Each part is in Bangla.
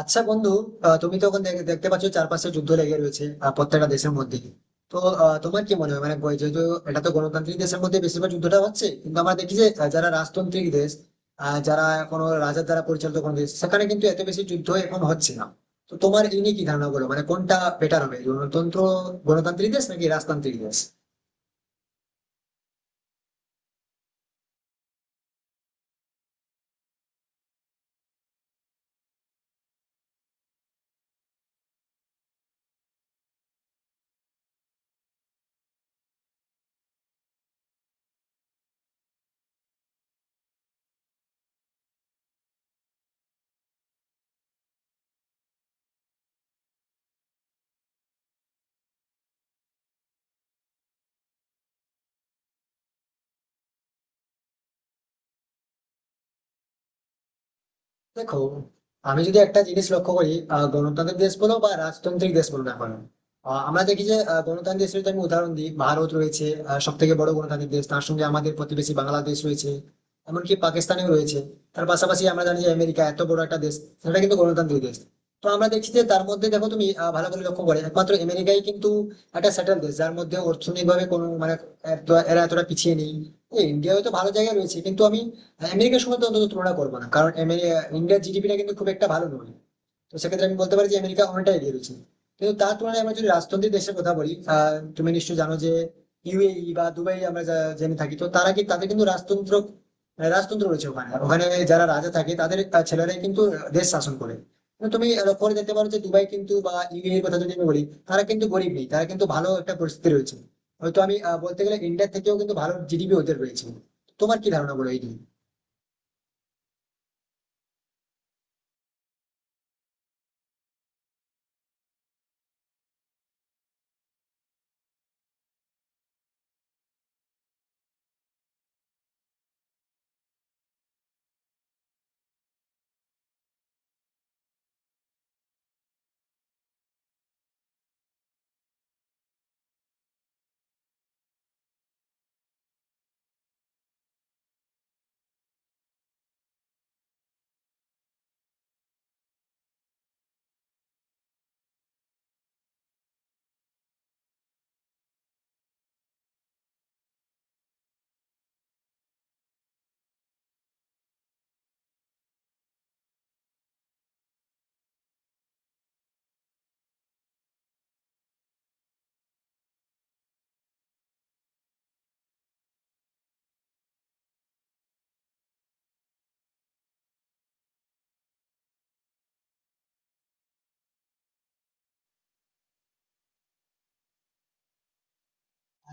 আচ্ছা বন্ধু। তুমি তো এখন দেখতে পাচ্ছ চারপাশে যুদ্ধ লেগে রয়েছে প্রত্যেকটা দেশের মধ্যে। তো তোমার কি মনে হয়, মানে যেহেতু এটা তো গণতান্ত্রিক দেশের মধ্যে বেশিরভাগ যুদ্ধটা হচ্ছে, কিন্তু আমরা দেখি যে যারা রাজতান্ত্রিক দেশ, আহ, যারা কোনো রাজার দ্বারা পরিচালিত কোনো দেশ, সেখানে কিন্তু এত বেশি যুদ্ধ এখন হচ্ছে না। তো তোমার এই নিয়ে কি ধারণা বলো, মানে কোনটা বেটার হবে, গণতন্ত্র, গণতান্ত্রিক দেশ নাকি রাজতান্ত্রিক দেশ? দেখো, আমি যদি একটা জিনিস লক্ষ্য করি, গণতান্ত্রিক দেশ বলো বা রাজতান্ত্রিক দেশ বলো না কেন, আমরা দেখি যে গণতান্ত্রিক দেশের যদি আমি উদাহরণ দিই, ভারত রয়েছে, সব থেকে বড় গণতান্ত্রিক দেশ। তার সঙ্গে আমাদের প্রতিবেশী বাংলাদেশ রয়েছে, এমনকি পাকিস্তানেও রয়েছে। তার পাশাপাশি আমরা জানি যে আমেরিকা এত বড় একটা দেশ, সেটা কিন্তু গণতান্ত্রিক দেশ। তো আমরা দেখছি যে তার মধ্যে দেখো তুমি, ভালো করে লক্ষ্য করে একমাত্র আমেরিকাই কিন্তু একটা সেটেল দেশ, যার মধ্যে অর্থনৈতিকভাবে কোনো মানে এরা এতটা পিছিয়ে নেই। ইন্ডিয়া হয়তো ভালো জায়গায় রয়েছে, কিন্তু আমি মানে আমেরিকার সঙ্গে তো অন্তত তুলনা করবো না, কারণ ইন্ডিয়ার জিডিপিটা কিন্তু খুব একটা ভালো নয়। তো সেক্ষেত্রে আমি বলতে পারি যে আমেরিকা অনেকটা এগিয়ে রয়েছে। কিন্তু তার তুলনায় আমরা যদি রাজতন্ত্রের দেশের কথা বলি, তুমি নিশ্চয়ই জানো যে ইউএই বা দুবাই আমরা জেনে থাকি, তো তারা কি তাদের কিন্তু রাজতন্ত্র, রাজতন্ত্র রয়েছে ওখানে। আর ওখানে যারা রাজা থাকে তাদের ছেলেরাই কিন্তু দেশ শাসন করে। কিন্তু তুমি লক্ষ্য করে দেখতে পারো যে দুবাই কিন্তু বা ইউএই এর কথা যদি আমি বলি, তারা কিন্তু গরিব নেই, তারা কিন্তু ভালো একটা পরিস্থিতি রয়েছে। হয়তো আমি বলতে গেলে ইন্ডিয়ার থেকেও কিন্তু ভালো জিডিপি ওদের রয়েছে। তোমার কি ধারণা বলো এই নিয়ে?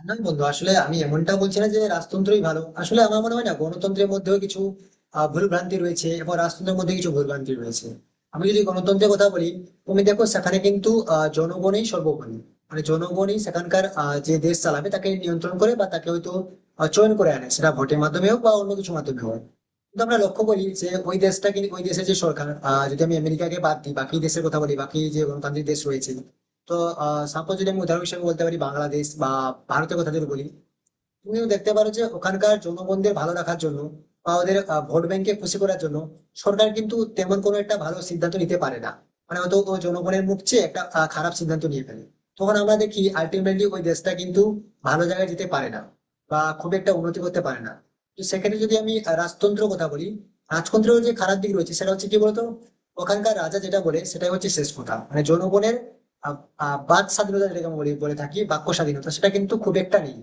না বন্ধু, আসলে আমি এমনটা বলছি না যে রাজতন্ত্রই ভালো, আসলে আমার মনে হয় না, গণতন্ত্রের মধ্যেও কিছু ভুলভ্রান্তি রয়েছে এবং রাজতন্ত্রের মধ্যে কিছু ভুলভ্রান্তি রয়েছে। আমি যদি গণতন্ত্রের কথা বলি, তুমি দেখো সেখানে কিন্তু জনগণই সর্বোপরি, মানে জনগণই সেখানকার যে দেশ চালাবে তাকে নিয়ন্ত্রণ করে বা তাকে হয়তো চয়ন করে আনে, সেটা ভোটের মাধ্যমে হোক বা অন্য কিছু মাধ্যমে হোক। কিন্তু আমরা লক্ষ্য করি যে ওই দেশটা কিন্তু ওই দেশের যে সরকার, যদি আমি আমেরিকাকে বাদ দিই বাকি দেশের কথা বলি, বাকি যে গণতান্ত্রিক দেশ রয়েছে, তো সাপোজ যদি আমি উদাহরণ হিসেবে বলতে পারি বাংলাদেশ বা ভারতের কথা যদি বলি, তুমিও দেখতে পারো যে ওখানকার জনগণদের ভালো রাখার জন্য বা ওদের ভোট ব্যাংকে খুশি করার জন্য, সরকার কিন্তু তেমন কোনো একটা ভালো সিদ্ধান্ত নিতে পারে না। মানে হয়তো ও জনগণের মুখ চেয়ে একটা খারাপ সিদ্ধান্ত নিয়ে ফেলে, তখন আমরা দেখি আলটিমেটলি ওই দেশটা কিন্তু ভালো জায়গায় যেতে পারে না বা খুব একটা উন্নতি করতে পারে না। তো সেক্ষেত্রে যদি আমি রাজতন্ত্র কথা বলি, রাজতন্ত্রের যে খারাপ দিক রয়েছে সেটা হচ্ছে কি বলতো, ওখানকার রাজা যেটা বলে সেটাই হচ্ছে শেষ কথা। মানে জনগণের আহ, আহ, বাক স্বাধীনতা, যেটাকে আমরা বলে থাকি বাক্য স্বাধীনতা, সেটা কিন্তু খুব একটা নেই।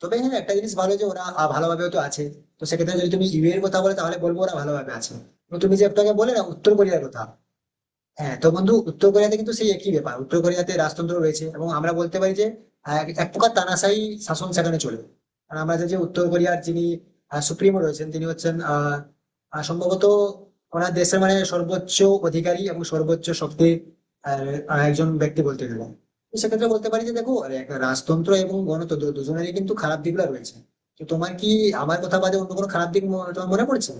তবে হ্যাঁ, একটা জিনিস ভালো যে ওরা ভালোভাবেও তো আছে। তো সেক্ষেত্রে যদি তুমি ইউ এর কথা বলে তাহলে বলবো ওরা ভালোভাবে আছে। এবং তুমি যে একটু আগে বলে না উত্তর কোরিয়ার কথা, হ্যাঁ, তো বন্ধু উত্তর কোরিয়াতে কিন্তু সেই একই ব্যাপার, উত্তর কোরিয়াতে রাজতন্ত্র রয়েছে এবং আমরা বলতে পারি যে এক এক প্রকার তানাশাই শাসন সেখানে চলে। কারণ আমরা জানি যে উত্তর কোরিয়ার যিনি সুপ্রিমো রয়েছেন তিনি হচ্ছেন আহ আহ, সম্ভবত ওনার দেশের মানে সর্বোচ্চ অধিকারী এবং সর্বোচ্চ শক্তির আহ, আহ, একজন ব্যক্তি বলতে গেলে। তো সেক্ষেত্রে বলতে পারি যে দেখো, এক রাজতন্ত্র এবং গণতন্ত্র দুজনেরই কিন্তু খারাপ দিকগুলো রয়েছে। তো তোমার কি আমার কথা বাদে অন্য কোনো খারাপ দিক তোমার মনে পড়ছে?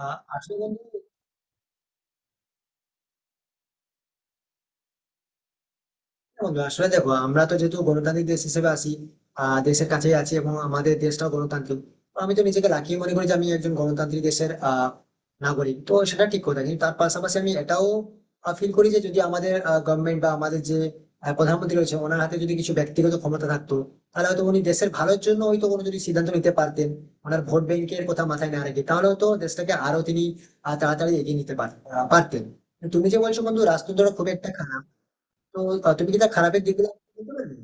আহ আসলে বন্ধু বন্ধু আসলে দেখো, আমরা তো যেহেতু গণতান্ত্রিক দেশ হিসেবে আছি, দেশের কাছেই আছি এবং আমাদের দেশটাও গণতান্ত্রিক, তো আমি তো নিজেকে লাকি মনে করি যে আমি একজন গণতান্ত্রিক দেশের নাগরিক। তো সেটা ঠিক কথা, কিন্তু তার পাশাপাশি আমি এটাও ফিল করি যে যদি আমাদের গভর্নমেন্ট বা আমাদের যে প্রধানমন্ত্রী রয়েছে, ওনার হাতে যদি কিছু ব্যক্তিগত ক্ষমতা থাকতো, তাহলে হয়তো উনি দেশের ভালোর জন্য হয়তো কোনো যদি সিদ্ধান্ত নিতে পারতেন, ওনার ভোট ব্যাংকের কথা মাথায় না রেখে, তাহলে হয়তো দেশটাকে আরো তিনি তাড়াতাড়ি এগিয়ে নিতে পারতেন। তুমি যে বলছো বন্ধু রাজতন্ত্র খুব একটা খারাপ, তো তুমি কি তার খারাপের দিকগুলো বলতে পারবে?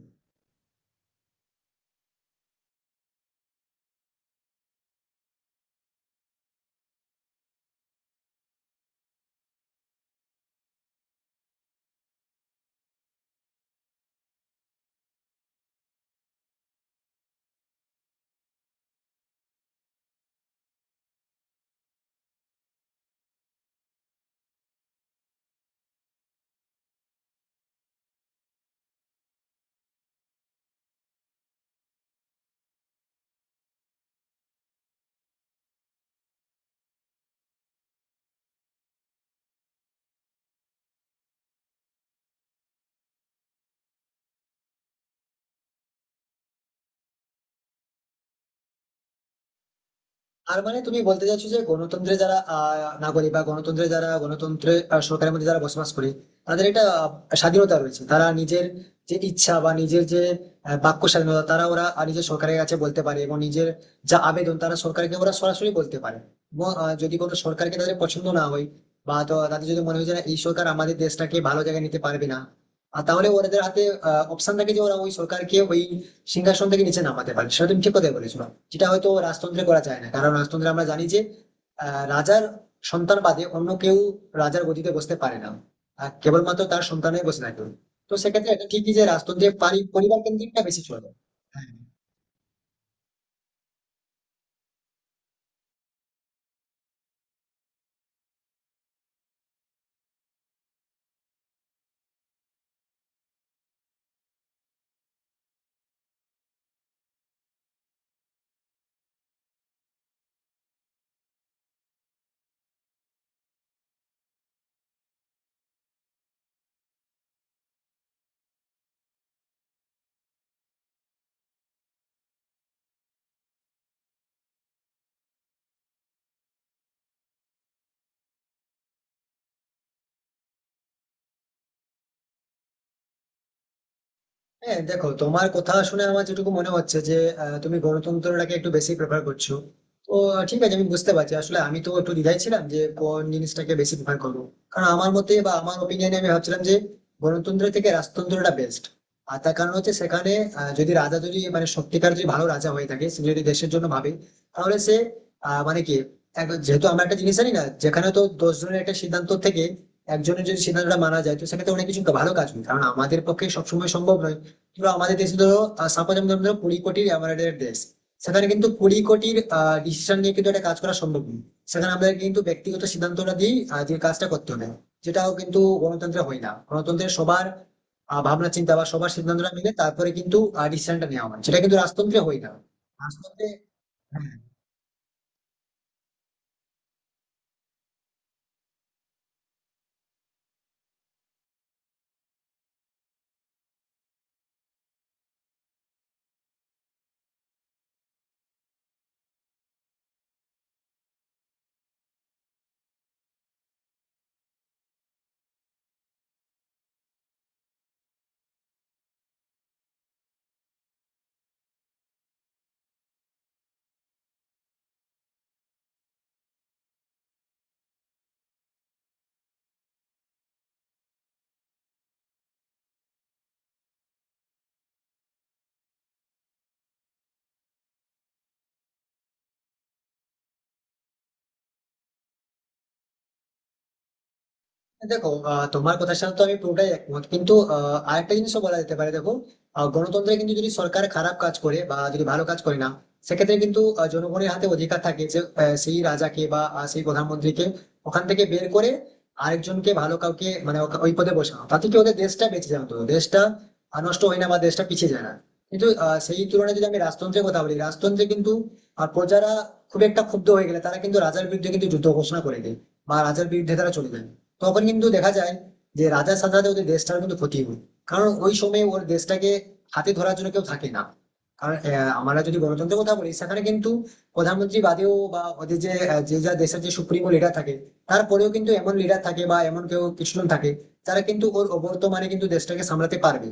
আর মানে তুমি বলতে চাইছো যে গণতন্ত্রে যারা নাগরিক বা গণতন্ত্রে সরকারের মধ্যে যারা বসবাস করে, তাদের একটা স্বাধীনতা রয়েছে, তারা নিজের যে ইচ্ছা বা নিজের যে বাক্য স্বাধীনতা, ওরা নিজের সরকারের কাছে বলতে পারে এবং নিজের যা আবেদন তারা সরকারকে ওরা সরাসরি বলতে পারে। এবং যদি কোনো সরকারকে তাদের পছন্দ না হয় বা তো তাদের যদি মনে হয় যে না, এই সরকার আমাদের দেশটাকে ভালো জায়গায় নিতে পারবে না, আর তাহলে ওদের হাতে অপশন থাকে যে ওরা ওই সরকারকে ওই সিংহাসন থেকে নিচে নামাতে পারে। সেটা তুমি ঠিক কথাই বলেছো, যেটা হয়তো রাজতন্ত্রে করা যায় না, কারণ রাজতন্ত্রে আমরা জানি যে রাজার সন্তান বাদে অন্য কেউ রাজার গদিতে বসতে পারে না, আর কেবলমাত্র তার সন্তানই বসে থাকে। তো সেক্ষেত্রে এটা ঠিকই যে রাজতন্ত্রে পরিবার কেন্দ্রিকটা বেশি চলে। হ্যাঁ, হ্যাঁ, দেখো, তোমার কথা শুনে আমার যেটুকু মনে হচ্ছে যে তুমি গণতন্ত্রটাকে একটু বেশি প্রেফার করছো। তো ঠিক আছে, আমি বুঝতে পারছি। আসলে আমি তো একটু দ্বিধায় ছিলাম যে কোন জিনিসটাকে বেশি প্রেফার করবো, কারণ আমার মতে বা আমার ওপিনিয়নে আমি ভাবছিলাম যে গণতন্ত্র থেকে রাজতন্ত্রটা বেস্ট। আর তার কারণ হচ্ছে সেখানে যদি রাজা যদি মানে সত্যিকার যদি ভালো রাজা হয়ে থাকে, সে যদি দেশের জন্য ভাবে, তাহলে সে আহ মানে কি এক- যেহেতু আমরা একটা জিনিস জানি না, যেখানে তো 10 জনের একটা সিদ্ধান্ত থেকে একজনের যদি সিদ্ধান্তটা মানা যায়, তো সেক্ষেত্রে অনেক কিছু ভালো কাজ হয়, কারণ আমাদের পক্ষে সবসময় সম্ভব নয়। কিংবা আমাদের দেশে ধরো, সাপোজ আমি ধরো 20 কোটির এমআরআইয়ের দেশ, সেখানে কিন্তু 20 কোটির ডিসিশন নিয়ে কিন্তু একটা কাজ করা সম্ভব নয়, সেখানে আমাদের কিন্তু ব্যক্তিগত সিদ্ধান্তটা দিয়ে যে কাজটা করতে হবে, যেটাও কিন্তু গণতন্ত্রে হয় না। গণতন্ত্রে সবার ভাবনা চিন্তা বা সবার সিদ্ধান্তটা মিলে তারপরে কিন্তু ডিসিশনটা নেওয়া হয়, সেটা কিন্তু রাজতন্ত্রে হয় না। রাজতন্ত্রে হ্যাঁ, দেখো তোমার কথার সাথে তো আমি পুরোটাই একমত, কিন্তু আরেকটা জিনিসও বলা যেতে পারে। দেখো গণতন্ত্রে কিন্তু যদি সরকার খারাপ কাজ করে বা যদি ভালো কাজ করে না, সেক্ষেত্রে কিন্তু জনগণের হাতে অধিকার থাকে যে সেই রাজাকে বা সেই প্রধানমন্ত্রীকে ওখান থেকে বের করে আরেকজনকে, ভালো কাউকে, মানে ওই পদে বসানো। তাতে কি ওদের দেশটা বেঁচে যায়, অন্তত দেশটা নষ্ট হয় না বা দেশটা পিছিয়ে যায় না। কিন্তু সেই তুলনায় যদি আমি রাজতন্ত্রের কথা বলি, রাজতন্ত্রে কিন্তু প্রজারা খুব একটা ক্ষুব্ধ হয়ে গেলে তারা কিন্তু রাজার বিরুদ্ধে কিন্তু যুদ্ধ ঘোষণা করে দেয় বা রাজার বিরুদ্ধে তারা চলে যায়। তখন কিন্তু দেখা যায় যে রাজার সাথে সাথে ওদের দেশটার কিন্তু ক্ষতি হয়, কারণ ওই সময়ে ওর দেশটাকে হাতে ধরার জন্য কেউ থাকে না। কারণ আমরা যদি গণতন্ত্রের কথা বলি সেখানে কিন্তু প্রধানমন্ত্রী বাদেও বা ওদের যে আহ, যে যা দেশের যে সুপ্রিমো লিডার থাকে, তারপরেও কিন্তু এমন লিডার থাকে বা এমন কেউ কিছুজন থাকে, তারা কিন্তু ওর বর্তমানে কিন্তু দেশটাকে সামলাতে পারবে।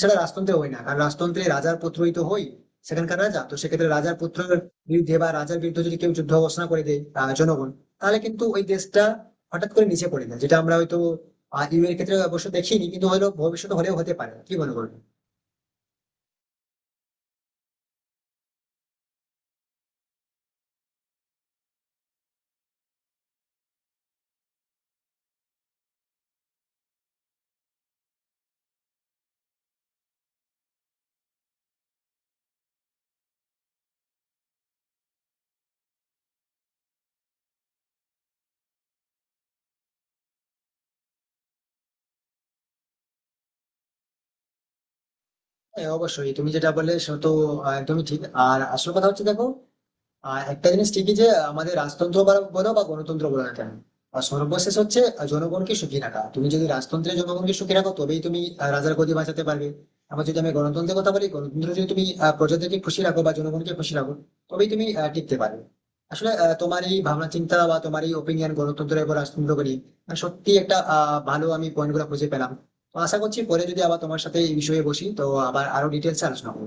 সেটা রাজতন্ত্রে হয় না, কারণ রাজতন্ত্রে রাজার পুত্রই তো হয় সেখানকার রাজা। তো সেক্ষেত্রে রাজার পুত্রের বিরুদ্ধে বা রাজার বিরুদ্ধে যদি কেউ যুদ্ধ ঘোষণা করে দেয়, জনগণ, তাহলে কিন্তু ওই দেশটা হঠাৎ করে নিচে পড়ে যায়। যেটা আমরা হয়তো ইউ এর ক্ষেত্রে অবশ্য দেখিনি, কিন্তু হলো ভবিষ্যতে হলেও হতে পারে, কি মনে করবে? হ্যাঁ অবশ্যই তুমি যেটা বললে সে তো একদমই ঠিক। আর আসল কথা হচ্ছে দেখো, একটা জিনিস ঠিকই যে আমাদের রাজতন্ত্র বলো বা গণতন্ত্র বলো না কেন, আর সর্বশেষ হচ্ছে জনগণকে সুখী রাখা। তুমি যদি রাজতন্ত্রে জনগণকে সুখী রাখো তবেই তুমি রাজার গদি বাঁচাতে পারবে। আবার যদি আমি গণতন্ত্রের কথা বলি, গণতন্ত্র যদি তুমি প্রজাদেরকে খুশি রাখো বা জনগণকে খুশি রাখো, তবেই তুমি টিকতে পারবে। আসলে তোমার এই ভাবনা চিন্তা বা তোমার এই ওপিনিয়ন গণতন্ত্র এবং রাজতন্ত্রকে নিয়ে সত্যি একটা ভালো আমি পয়েন্ট গুলো খুঁজে পেলাম। তো আশা করছি পরে যদি আবার তোমার সাথে এই বিষয়ে বসি তো আবার আরো ডিটেলস আলোচনা করবো।